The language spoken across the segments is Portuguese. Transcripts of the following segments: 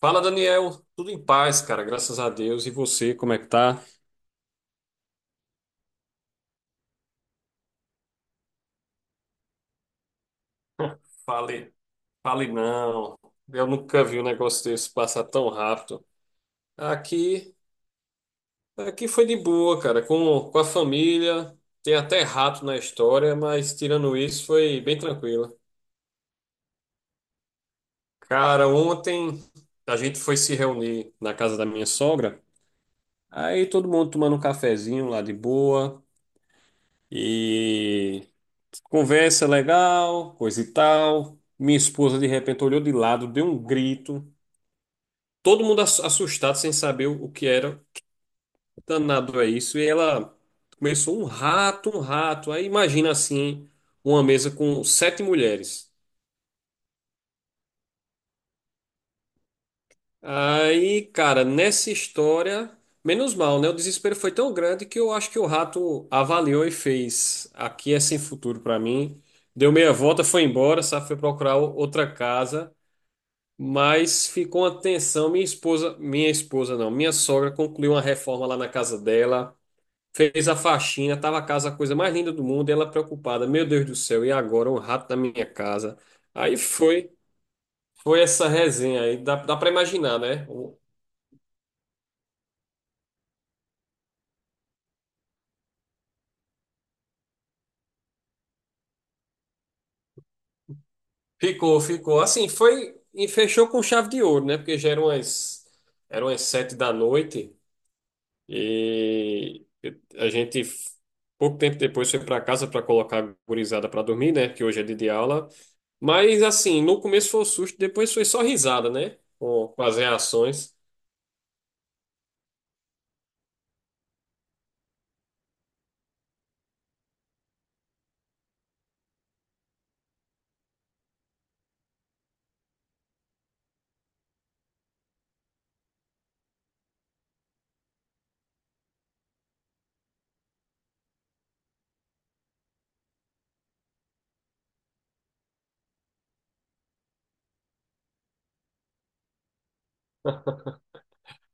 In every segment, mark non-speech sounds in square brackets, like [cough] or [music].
Fala, Daniel. Tudo em paz, cara. Graças a Deus. E você, como é que tá? Fale, fale não. Eu nunca vi um negócio desse passar tão rápido. Aqui, aqui foi de boa, cara. Com a família. Tem até rato na história, mas tirando isso, foi bem tranquilo. Cara, ontem a gente foi se reunir na casa da minha sogra. Aí todo mundo tomando um cafezinho lá de boa. E Conversa legal, coisa e tal. Minha esposa de repente olhou de lado, deu um grito. Todo mundo assustado, sem saber o que era. Danado é isso. E ela começou um rato, um rato. Aí imagina assim, uma mesa com 7 mulheres. Aí, cara, nessa história, menos mal, né? O desespero foi tão grande que eu acho que o rato avaliou e fez: aqui é sem futuro pra mim. Deu meia volta, foi embora, sabe? Foi procurar outra casa. Mas ficou uma tensão. Minha esposa não, minha sogra concluiu uma reforma lá na casa dela, fez a faxina, tava a casa a coisa mais linda do mundo, e ela preocupada, meu Deus do céu, e agora um rato na minha casa. Aí foi essa resenha aí, dá para imaginar, né? O- Ficou, ficou. Assim, foi e fechou com chave de ouro, né? Porque já eram as 7 da noite. E a gente, pouco tempo depois, foi para casa para colocar a gurizada para dormir, né? Que hoje é dia de aula. Mas, assim, no começo foi um susto, depois foi só risada, né? Com as reações.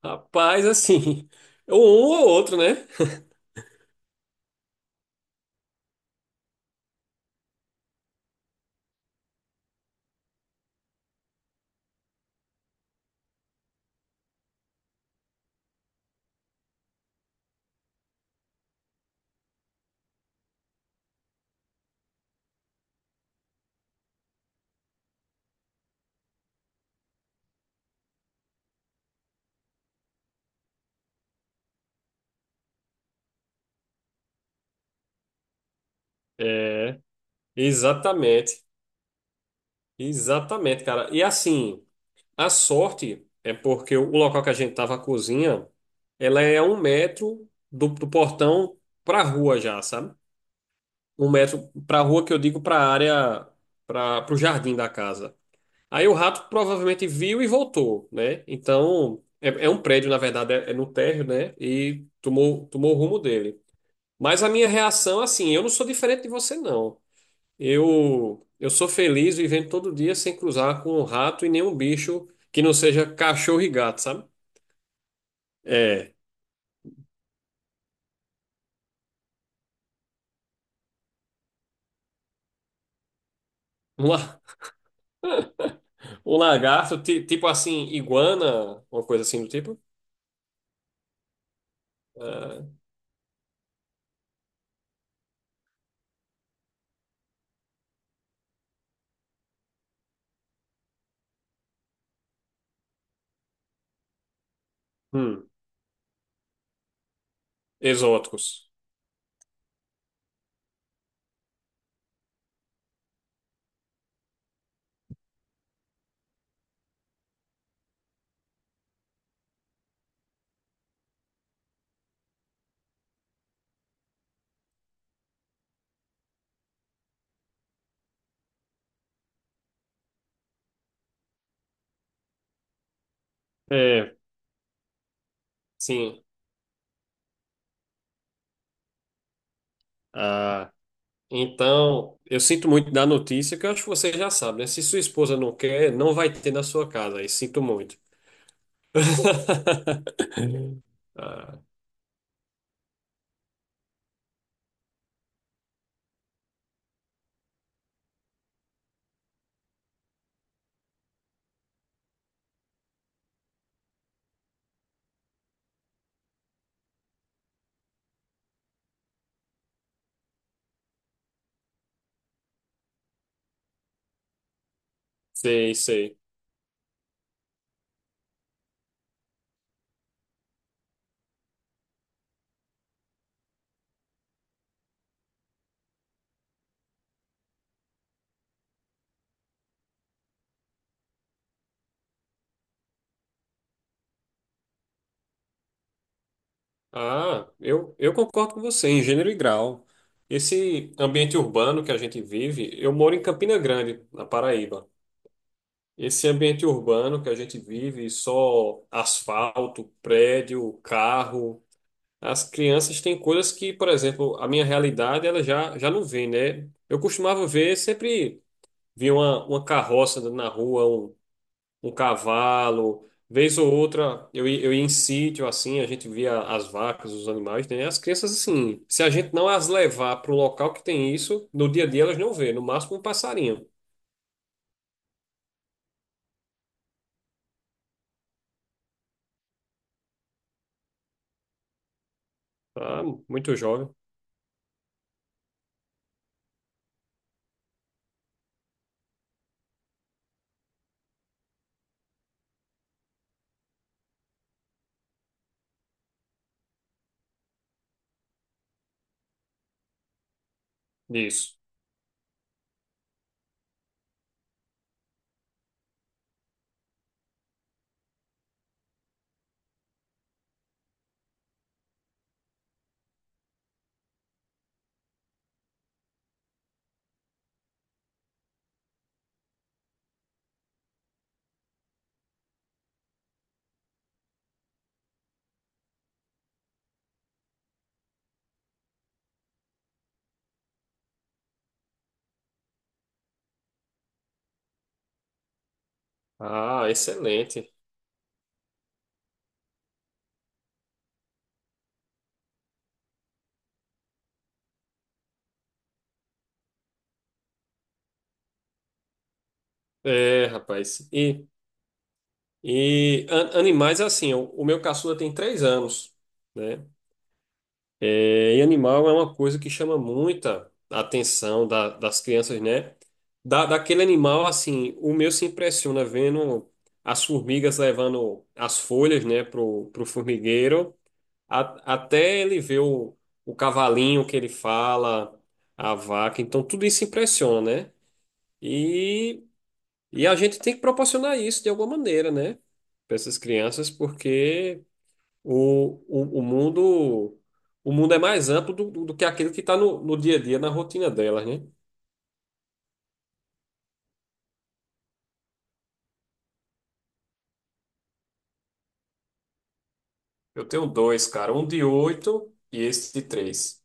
Rapaz, assim, [laughs] um ou outro, né? [laughs] É, exatamente. Exatamente, cara. E, assim, a sorte é porque o local que a gente tava, a cozinha, ela é a 1 metro do portão pra rua já, sabe? 1 metro para a rua que eu digo, para a área, para o jardim da casa. Aí o rato provavelmente viu e voltou, né? Então, é um prédio, na verdade, é no térreo, né? E tomou o rumo dele. Mas a minha reação, assim, eu não sou diferente de você, não. Eu sou feliz vivendo todo dia sem cruzar com um rato e nenhum bicho que não seja cachorro e gato, sabe? É. Um, la- um lagarto, tipo assim, iguana, uma coisa assim do tipo. Ah, hum, exóticos. É, sim. Ah, então, eu sinto muito da notícia, que eu acho que você já sabe, né? Se sua esposa não quer, não vai ter na sua casa. E sinto muito. Ah, sei, sei. Ah, eu concordo com você, em gênero e grau. Esse ambiente urbano que a gente vive, eu moro em Campina Grande, na Paraíba. Esse ambiente urbano que a gente vive, só asfalto, prédio, carro. As crianças têm coisas que, por exemplo, a minha realidade ela já não vê, né? Eu costumava ver, sempre via uma carroça andando na rua, um cavalo, vez ou outra eu ia em sítio assim, a gente via as vacas, os animais, né? As crianças, assim, se a gente não as levar para um local que tem isso, no dia a dia elas não vê, no máximo um passarinho. Ah, muito jovem. Isso. Ah, excelente. É, rapaz. E animais, assim, o meu caçula tem 3 anos, né? É, e animal é uma coisa que chama muita atenção das crianças, né? Daquele animal, assim, o meu se impressiona vendo as formigas levando as folhas, né, pro formigueiro, até ele ver o cavalinho que ele fala, a vaca, então tudo isso impressiona, né? e e a gente tem que proporcionar isso de alguma maneira, né? Para essas crianças, porque o mundo, o mundo é mais amplo do que aquilo que está no dia a dia, na rotina delas, né? Eu tenho 2, cara, um de 8 e esse de 3.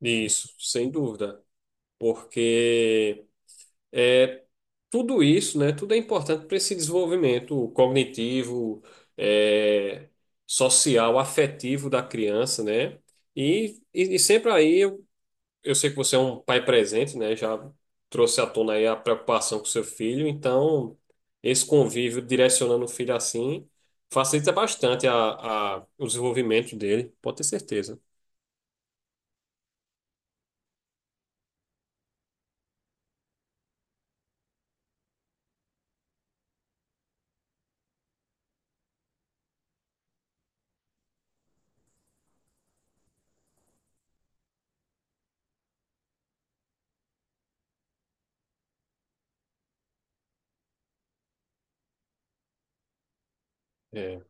Isso, sem dúvida. Porque é tudo isso, né? Tudo é importante para esse desenvolvimento cognitivo, é, social, afetivo da criança, né? E sempre aí eu sei que você é um pai presente, né? Já trouxe à tona aí a preocupação com seu filho, então esse convívio direcionando o filho assim facilita bastante o desenvolvimento dele, pode ter certeza. É,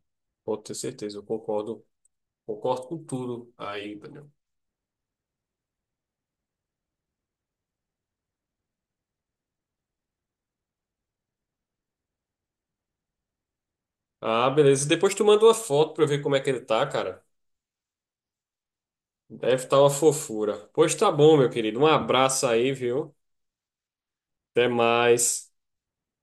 pode ter certeza, eu concordo com tudo aí, Daniel. Ah, beleza. Depois tu manda uma foto pra eu ver como é que ele tá, cara. Deve estar uma fofura. Pois tá bom, meu querido. Um abraço aí, viu? Até mais.